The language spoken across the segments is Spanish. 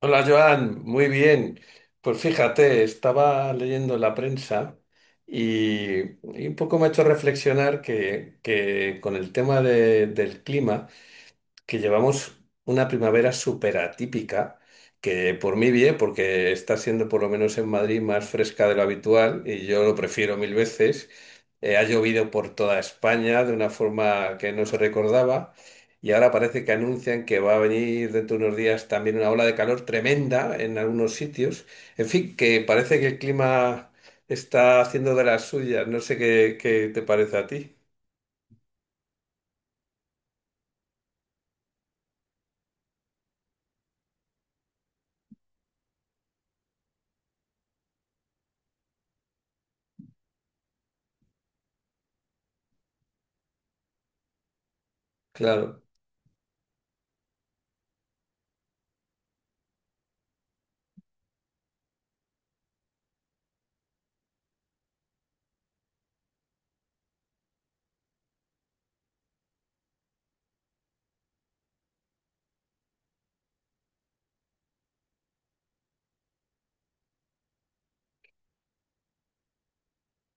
Hola Joan, muy bien. Pues fíjate, estaba leyendo la prensa y, y un poco me ha hecho reflexionar que con el tema del clima que llevamos una primavera súper atípica, que por mí bien, porque está siendo por lo menos en Madrid más fresca de lo habitual y yo lo prefiero mil veces. Ha llovido por toda España de una forma que no se recordaba y ahora parece que anuncian que va a venir dentro de unos días también una ola de calor tremenda en algunos sitios. En fin, que parece que el clima está haciendo de las suyas. No sé qué, qué te parece a ti. Claro.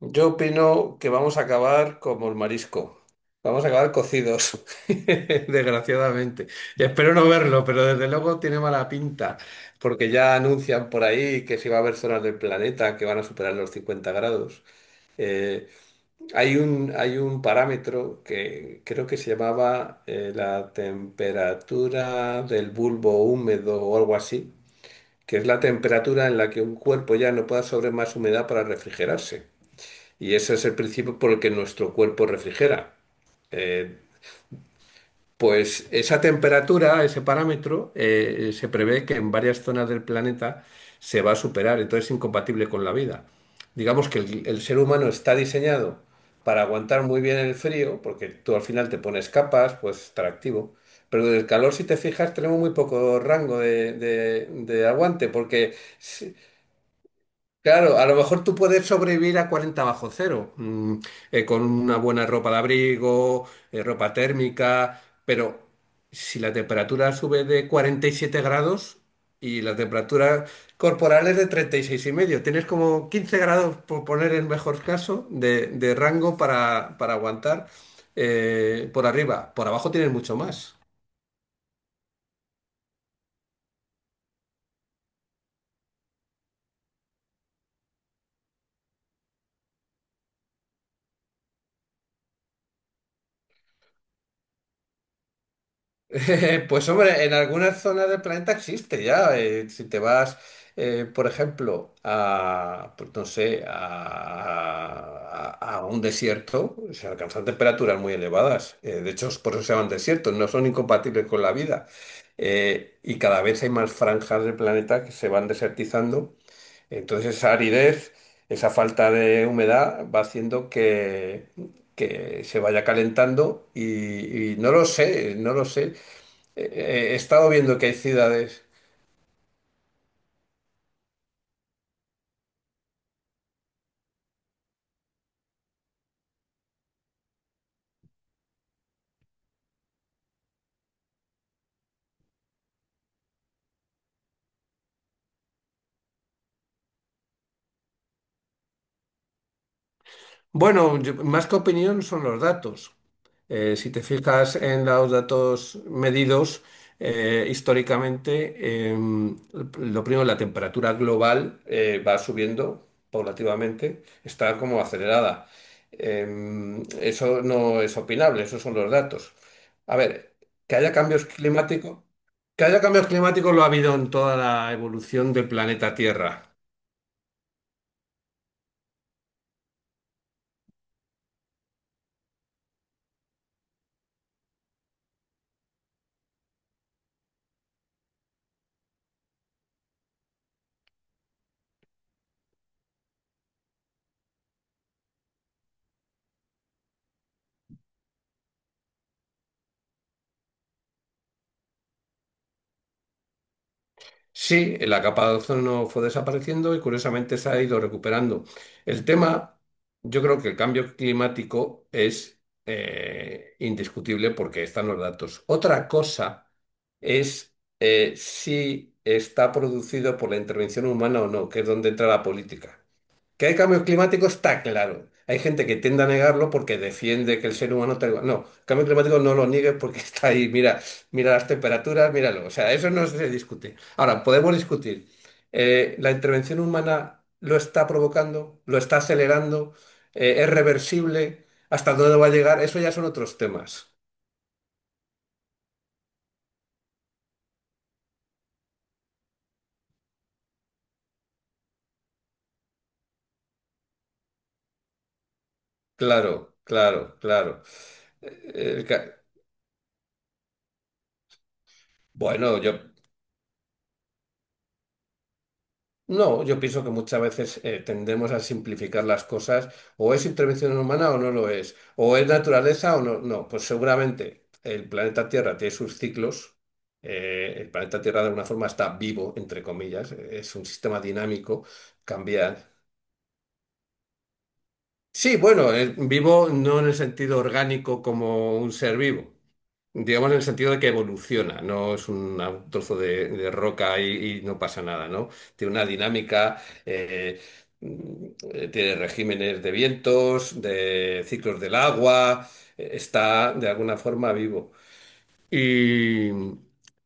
Yo opino que vamos a acabar como el marisco. Vamos a acabar cocidos, desgraciadamente. Y espero no verlo, pero desde luego tiene mala pinta, porque ya anuncian por ahí que sí va a haber zonas del planeta que van a superar los 50 grados. Eh, Hay un, hay un parámetro que creo que se llamaba la temperatura del bulbo húmedo o algo así, que es la temperatura en la que un cuerpo ya no puede absorber más humedad para refrigerarse. Y ese es el principio por el que nuestro cuerpo refrigera. Eh, pues esa temperatura, ese parámetro, se prevé que en varias zonas del planeta se va a superar, entonces es incompatible con la vida. Digamos que el ser humano está diseñado para aguantar muy bien el frío, porque tú al final te pones capas, pues estar activo. Pero del calor, si te fijas, tenemos muy poco rango de aguante, porque Claro, a lo mejor tú puedes sobrevivir a 40 bajo cero, con una buena ropa de abrigo, ropa térmica, pero si la temperatura sube de 47 grados y la temperatura corporal es de 36,5, tienes como 15 grados, por poner el mejor caso, de rango para aguantar por arriba. Por abajo tienes mucho más. Pues hombre, en algunas zonas del planeta existe ya. Si te vas, por ejemplo, a, pues no sé, a, a un desierto, se alcanzan temperaturas muy elevadas. De hecho, es por eso se llaman desiertos, no son incompatibles con la vida. Y cada vez hay más franjas del planeta que se van desertizando. Entonces, esa aridez, esa falta de humedad va haciendo que se vaya calentando y no lo sé, no lo sé. He estado viendo que hay ciudades. Bueno, más que opinión son los datos. Si te fijas en los datos medidos históricamente, lo primero, la temperatura global va subiendo paulativamente, está como acelerada. Eso no es opinable, esos son los datos. A ver, que haya cambios climáticos, que haya cambios climáticos lo ha habido en toda la evolución del planeta Tierra. Sí, la capa de ozono fue desapareciendo y curiosamente se ha ido recuperando. El tema, yo creo que el cambio climático es indiscutible porque están los datos. Otra cosa es si está producido por la intervención humana o no, que es donde entra la política. Que hay cambios climáticos está claro. Hay gente que tiende a negarlo porque defiende que el ser humano... No, cambio climático no lo niegues porque está ahí. Mira, mira las temperaturas, míralo. O sea, eso no se discute. Ahora, podemos discutir. ¿La intervención humana lo está provocando? ¿Lo está acelerando? ¿Es reversible? ¿Hasta dónde va a llegar? Eso ya son otros temas. Claro, claro, claro. Eh, el ca- Bueno, No, yo pienso que muchas veces tendemos a simplificar las cosas. O es intervención humana o no lo es. O es naturaleza o no. No, pues seguramente el planeta Tierra tiene sus ciclos. El planeta Tierra de alguna forma está vivo, entre comillas. Es un sistema dinámico, cambia. Sí, bueno, vivo no en el sentido orgánico como un ser vivo. Digamos en el sentido de que evoluciona, no es un trozo de roca y no pasa nada, ¿no? Tiene una dinámica, mm, tiene regímenes de vientos, de ciclos del agua, está de alguna forma vivo. Y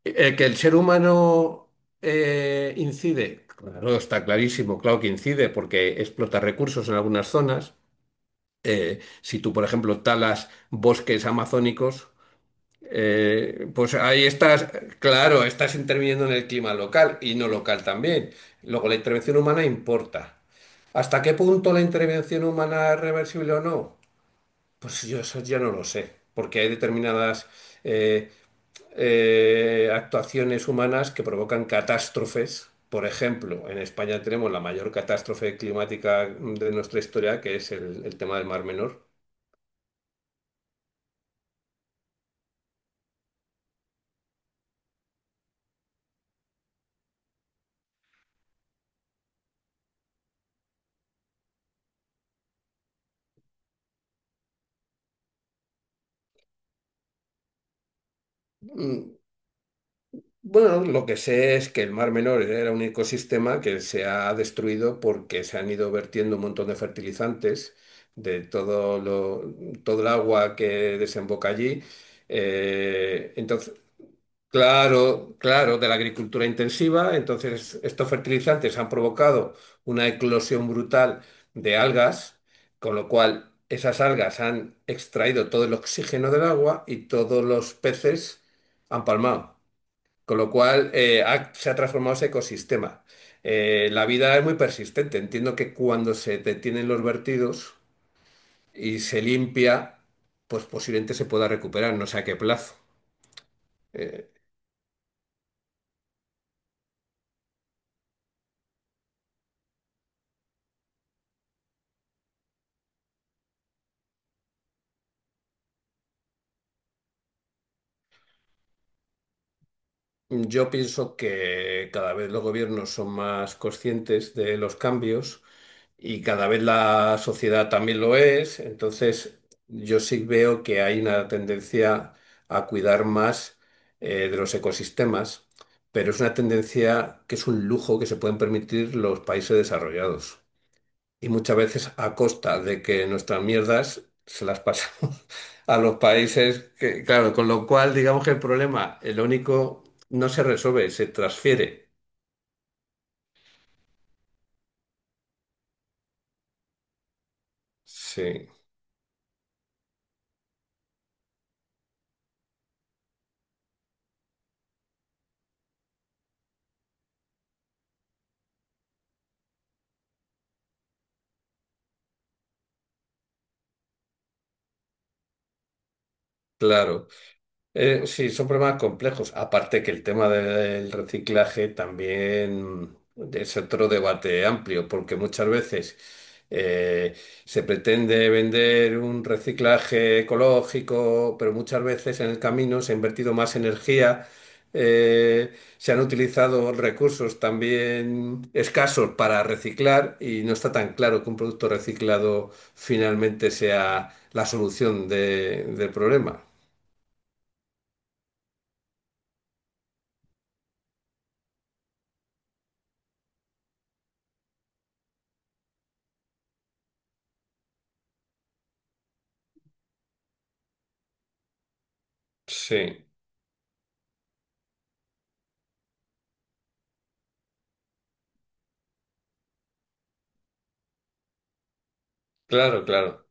que el ser humano incide, claro, está clarísimo, claro que incide porque explota recursos en algunas zonas. Si tú, por ejemplo, talas bosques amazónicos, pues ahí estás, claro, estás interviniendo en el clima local y no local también. Luego, la intervención humana importa. ¿Hasta qué punto la intervención humana es reversible o no? Pues yo eso ya no lo sé, porque hay determinadas eh, actuaciones humanas que provocan catástrofes. Por ejemplo, en España tenemos la mayor catástrofe climática de nuestra historia, que es el tema del Mar Menor. Mm, Bueno, lo que sé es que el Mar Menor era un ecosistema que se ha destruido porque se han ido vertiendo un montón de fertilizantes de todo lo, todo el agua que desemboca allí. Entonces, claro, claro, de la agricultura intensiva. Entonces, estos fertilizantes han provocado una eclosión brutal de algas, con lo cual esas algas han extraído todo el oxígeno del agua y todos los peces han palmado. Con lo cual, se ha transformado ese ecosistema. La vida es muy persistente. Entiendo que cuando se detienen los vertidos y se limpia, pues posiblemente se pueda recuperar, no sé a qué plazo. Eh, yo pienso que cada vez los gobiernos son más conscientes de los cambios y cada vez la sociedad también lo es. Entonces, yo sí veo que hay una tendencia a cuidar más de los ecosistemas, pero es una tendencia que es un lujo que se pueden permitir los países desarrollados. Y muchas veces a costa de que nuestras mierdas se las pasamos a los países que, claro, con lo cual digamos que el problema, el único, no se resuelve, se transfiere. Sí, claro. Sí, son problemas complejos. Aparte que el tema del reciclaje también es otro debate amplio, porque muchas veces eh, se pretende vender un reciclaje ecológico, pero muchas veces en el camino se ha invertido más energía, se han utilizado recursos también escasos para reciclar y no está tan claro que un producto reciclado finalmente sea la solución del problema. Sí. Claro, claro.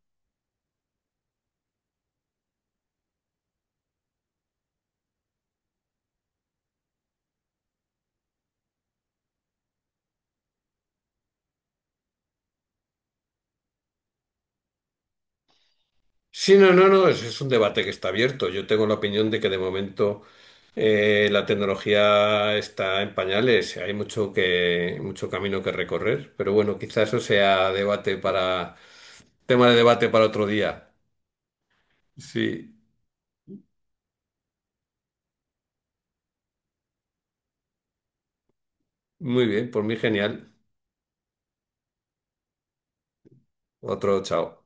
Sí, no, no, no, es un debate que está abierto. Yo tengo la opinión de que de momento la tecnología está en pañales, hay mucho que, mucho camino que recorrer, pero bueno, quizás eso sea debate para, tema de debate para otro día. Sí, muy bien, por mí genial. Otro chao.